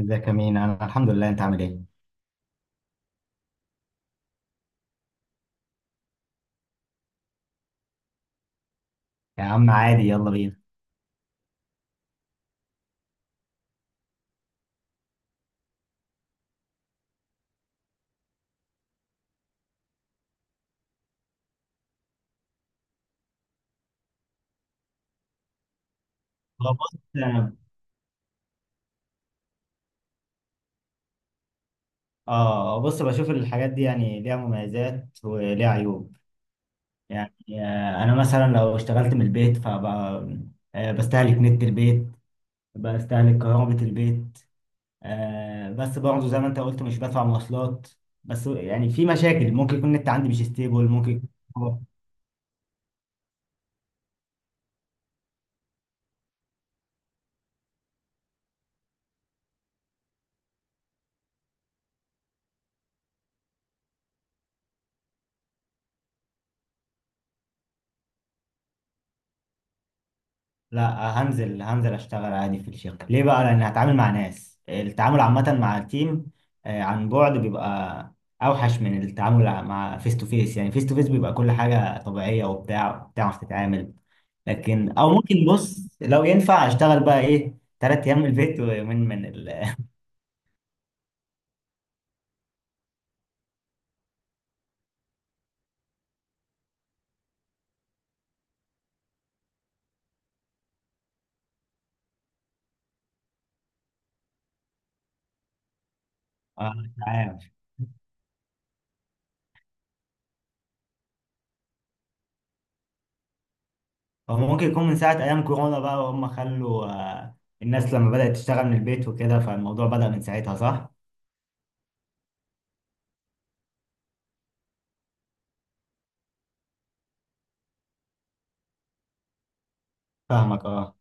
ازيك يا مين، انا الحمد لله، انت عامل ايه؟ يا عم عادي، يلا بينا. اه، بص، اه، بص، بشوف الحاجات دي، يعني ليها مميزات وليها عيوب. يعني انا مثلا لو اشتغلت من البيت، فبقى بستهلك نت البيت، بستهلك كهربة البيت. بس برضه زي ما انت قلت، مش بدفع مواصلات. بس يعني في مشاكل، ممكن يكون النت عندي مش ستيبل، ممكن. لا، هنزل اشتغل عادي في الشركه. ليه بقى؟ لان هتعامل مع ناس، التعامل عامه مع التيم عن بعد بيبقى اوحش من التعامل مع فيس تو فيس. يعني فيس تو فيس بيبقى كل حاجه طبيعيه وبتاع، بتعرف تتعامل. لكن او ممكن، بص، لو ينفع اشتغل بقى ايه، ثلاث ايام من البيت ويومين من ال... اه، مش عارف. هو ممكن يكون من ساعه ايام كورونا بقى، وهم خلوا الناس لما بدات تشتغل من البيت وكده، فالموضوع بدأ من ساعتها، صح. فاهمك، اه.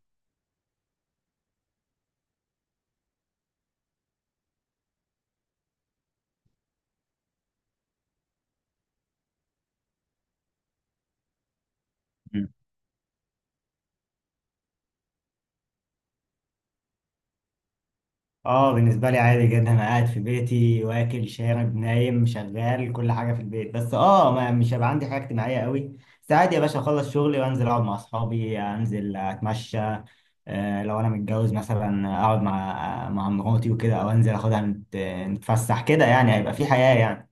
اه، بالنسبة لي عادي جدا، انا قاعد في بيتي، واكل شارب نايم شغال، كل حاجة في البيت، بس اه، ما مش هيبقى عندي حاجة اجتماعية قوي. بس عادي يا باشا، اخلص شغلي وانزل اقعد مع اصحابي، انزل اتمشى. آه، لو انا متجوز مثلا، اقعد مع مراتي وكده، او انزل اخدها نتفسح كده. يعني هيبقى في حياة، يعني.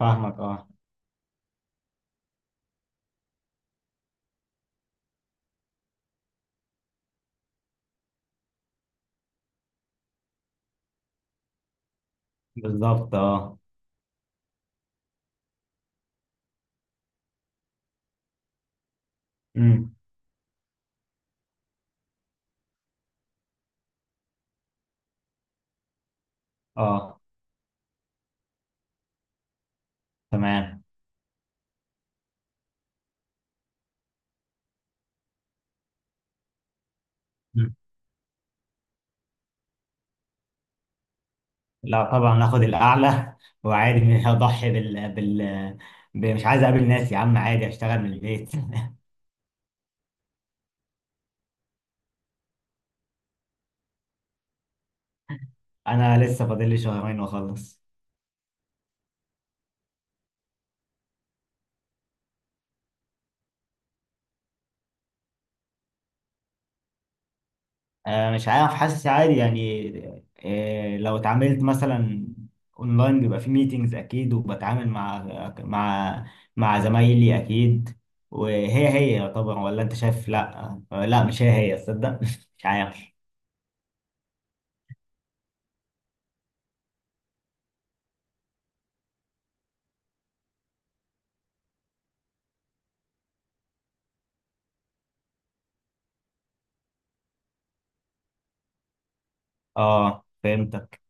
فاهمك، اه. بالظبط، اه. امم. اه. تمام. لا طبعا هاخد الاعلى وعادي مش هضحي بال. مش عايز اقابل ناس يا عم، عادي اشتغل من البيت انا لسه فاضل لي شهرين واخلص. آه، مش عارف، حاسس عادي يعني. آه، لو اتعاملت مثلا اونلاين، بيبقى في ميتينجز اكيد، وبتعامل مع مع مع زمايلي اكيد. وهي هي طبعا، ولا انت شايف لا؟ لا، مش هي هي تصدق مش عارف. اه، فهمت.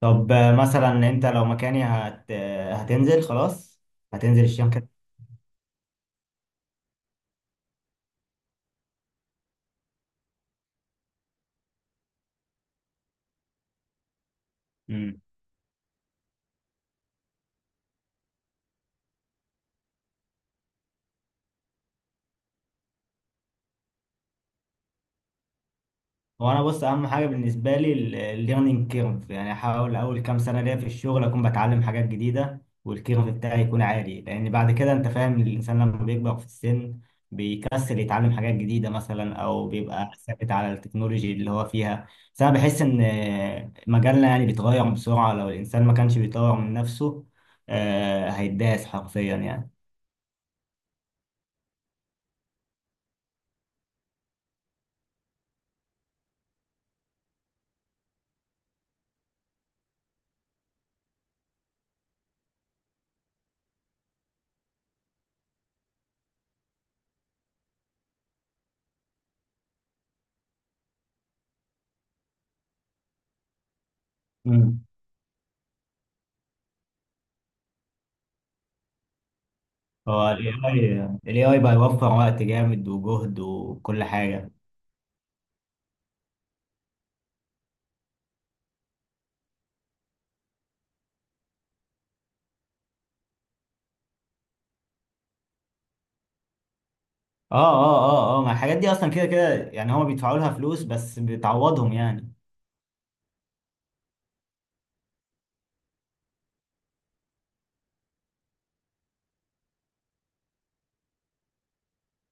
طب مثلا انت لو مكاني، هت... آه، هتنزل خلاص، هتنزل الشام كده. امم. هو انا، بص، اهم حاجه بالنسبه لي الليرنينج كيرف. يعني احاول اول كام سنه ليا في الشغل اكون بتعلم حاجات جديده، والكيرف بتاعي يكون عالي، لان بعد كده، انت فاهم، الانسان لما بيكبر في السن بيكسل يتعلم حاجات جديده مثلا، او بيبقى ثابت على التكنولوجي اللي هو فيها. بس انا بحس ان مجالنا يعني بيتغير بسرعه، لو الانسان ما كانش بيطور من نفسه هيتداس حرفيا. يعني هو ال AI بقى يوفر وقت جامد وجهد وكل حاجة. اه اه اه اه، ما الحاجات دي اصلا كده كده، يعني هما بيدفعوا لها فلوس، بس بتعوضهم يعني.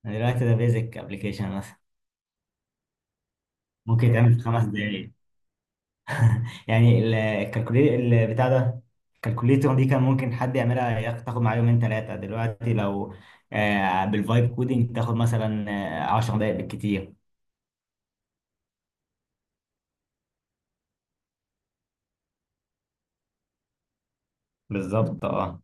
يعني دلوقتي ده بيزك ابلكيشن مثلا، ممكن يتعمل في خمس دقايق. يعني الكالكوليتر بتاع ده، الكالكوليتر دي كان ممكن حد يعملها، تاخد معاه يومين ثلاثة. دلوقتي لو بالفايب كودينج، تاخد مثلا 10 دقايق بالكتير. بالظبط، اه.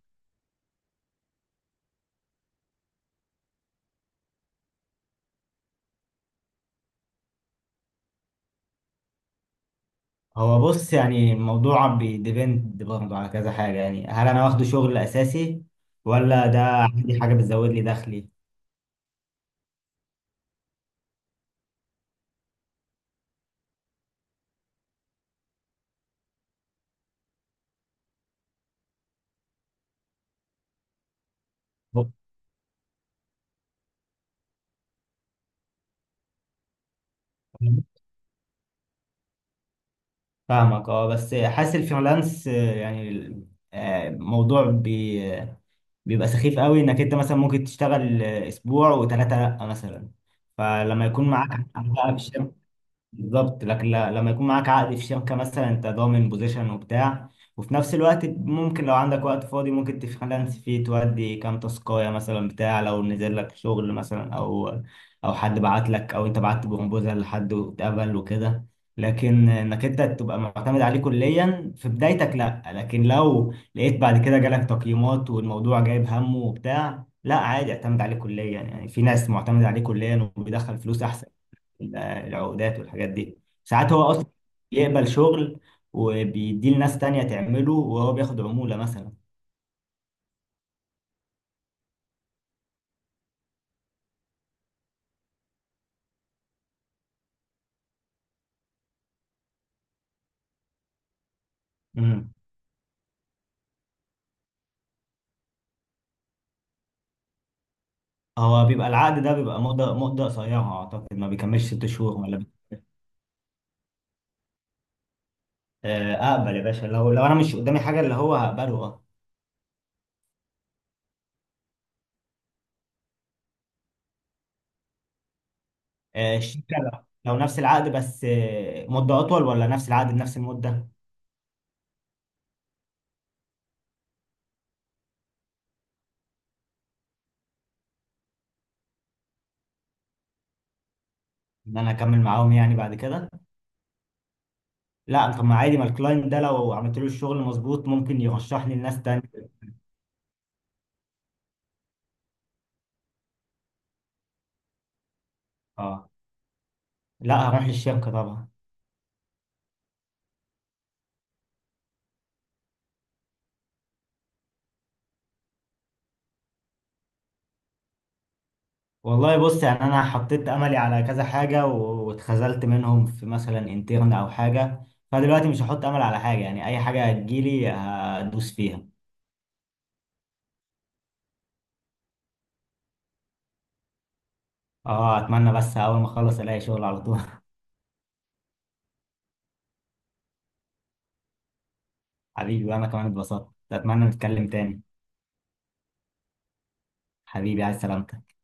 هو، بص، يعني الموضوع بيديبند برضه على كذا حاجة. يعني هل أنا واخده شغل أساسي، ولا ده عندي حاجة بتزود لي دخلي؟ ب- فاهمك، اه. بس حاسس الفريلانس يعني موضوع بيبقى سخيف قوي، انك انت مثلا ممكن تشتغل اسبوع وثلاثة لا مثلا. فلما يكون معاك عدد بقى في الشركة. بالظبط. لكن لما يكون معاك عقد في شركة مثلا، انت ضامن بوزيشن وبتاع. وفي نفس الوقت، ممكن لو عندك وقت فاضي، ممكن تفريلانس فيه، تودي كام تاسكاية مثلا بتاع، لو نزل لك شغل مثلا، او حد بعت لك، او انت بعت بروبوزال لحد واتقبل وكده. لكن انك انت تبقى معتمد عليه كليا في بدايتك، لا. لكن لو لقيت بعد كده جالك تقييمات والموضوع جايب همه وبتاع، لا عادي، اعتمد عليه كليا. يعني في ناس معتمد عليه كليا وبيدخل فلوس احسن. العقودات والحاجات دي، ساعات هو اصلا يقبل شغل، وبيديه لناس تانية تعمله، وهو بياخد عمولة مثلا. امم. هو بيبقى العقد ده بيبقى مدة مدة قصيرة، اعتقد ما بيكملش ست شهور ولا. اقبل يا باشا، لو انا مش قدامي حاجة، اللي هو هقبله، اه. الشركة، لو نفس العقد بس مدة اطول، ولا نفس العقد بنفس المدة؟ ان انا اكمل معاهم يعني بعد كده. لا طب، ما عادي، ما الكلاينت ده لو عملت له الشغل مظبوط، ممكن يرشحني لناس تانية. اه، لا هروح للشركة طبعا. والله، بص، يعني انا حطيت املي على كذا حاجه، واتخذلت منهم في مثلا انترن او حاجه. فدلوقتي مش هحط امل على حاجه، يعني اي حاجه هتجيلي هدوس فيها. اه، اتمنى بس اول ما اخلص الاقي شغل على طول. حبيبي، وانا كمان اتبسطت، اتمنى نتكلم تاني. حبيبي، عايز سلامتك.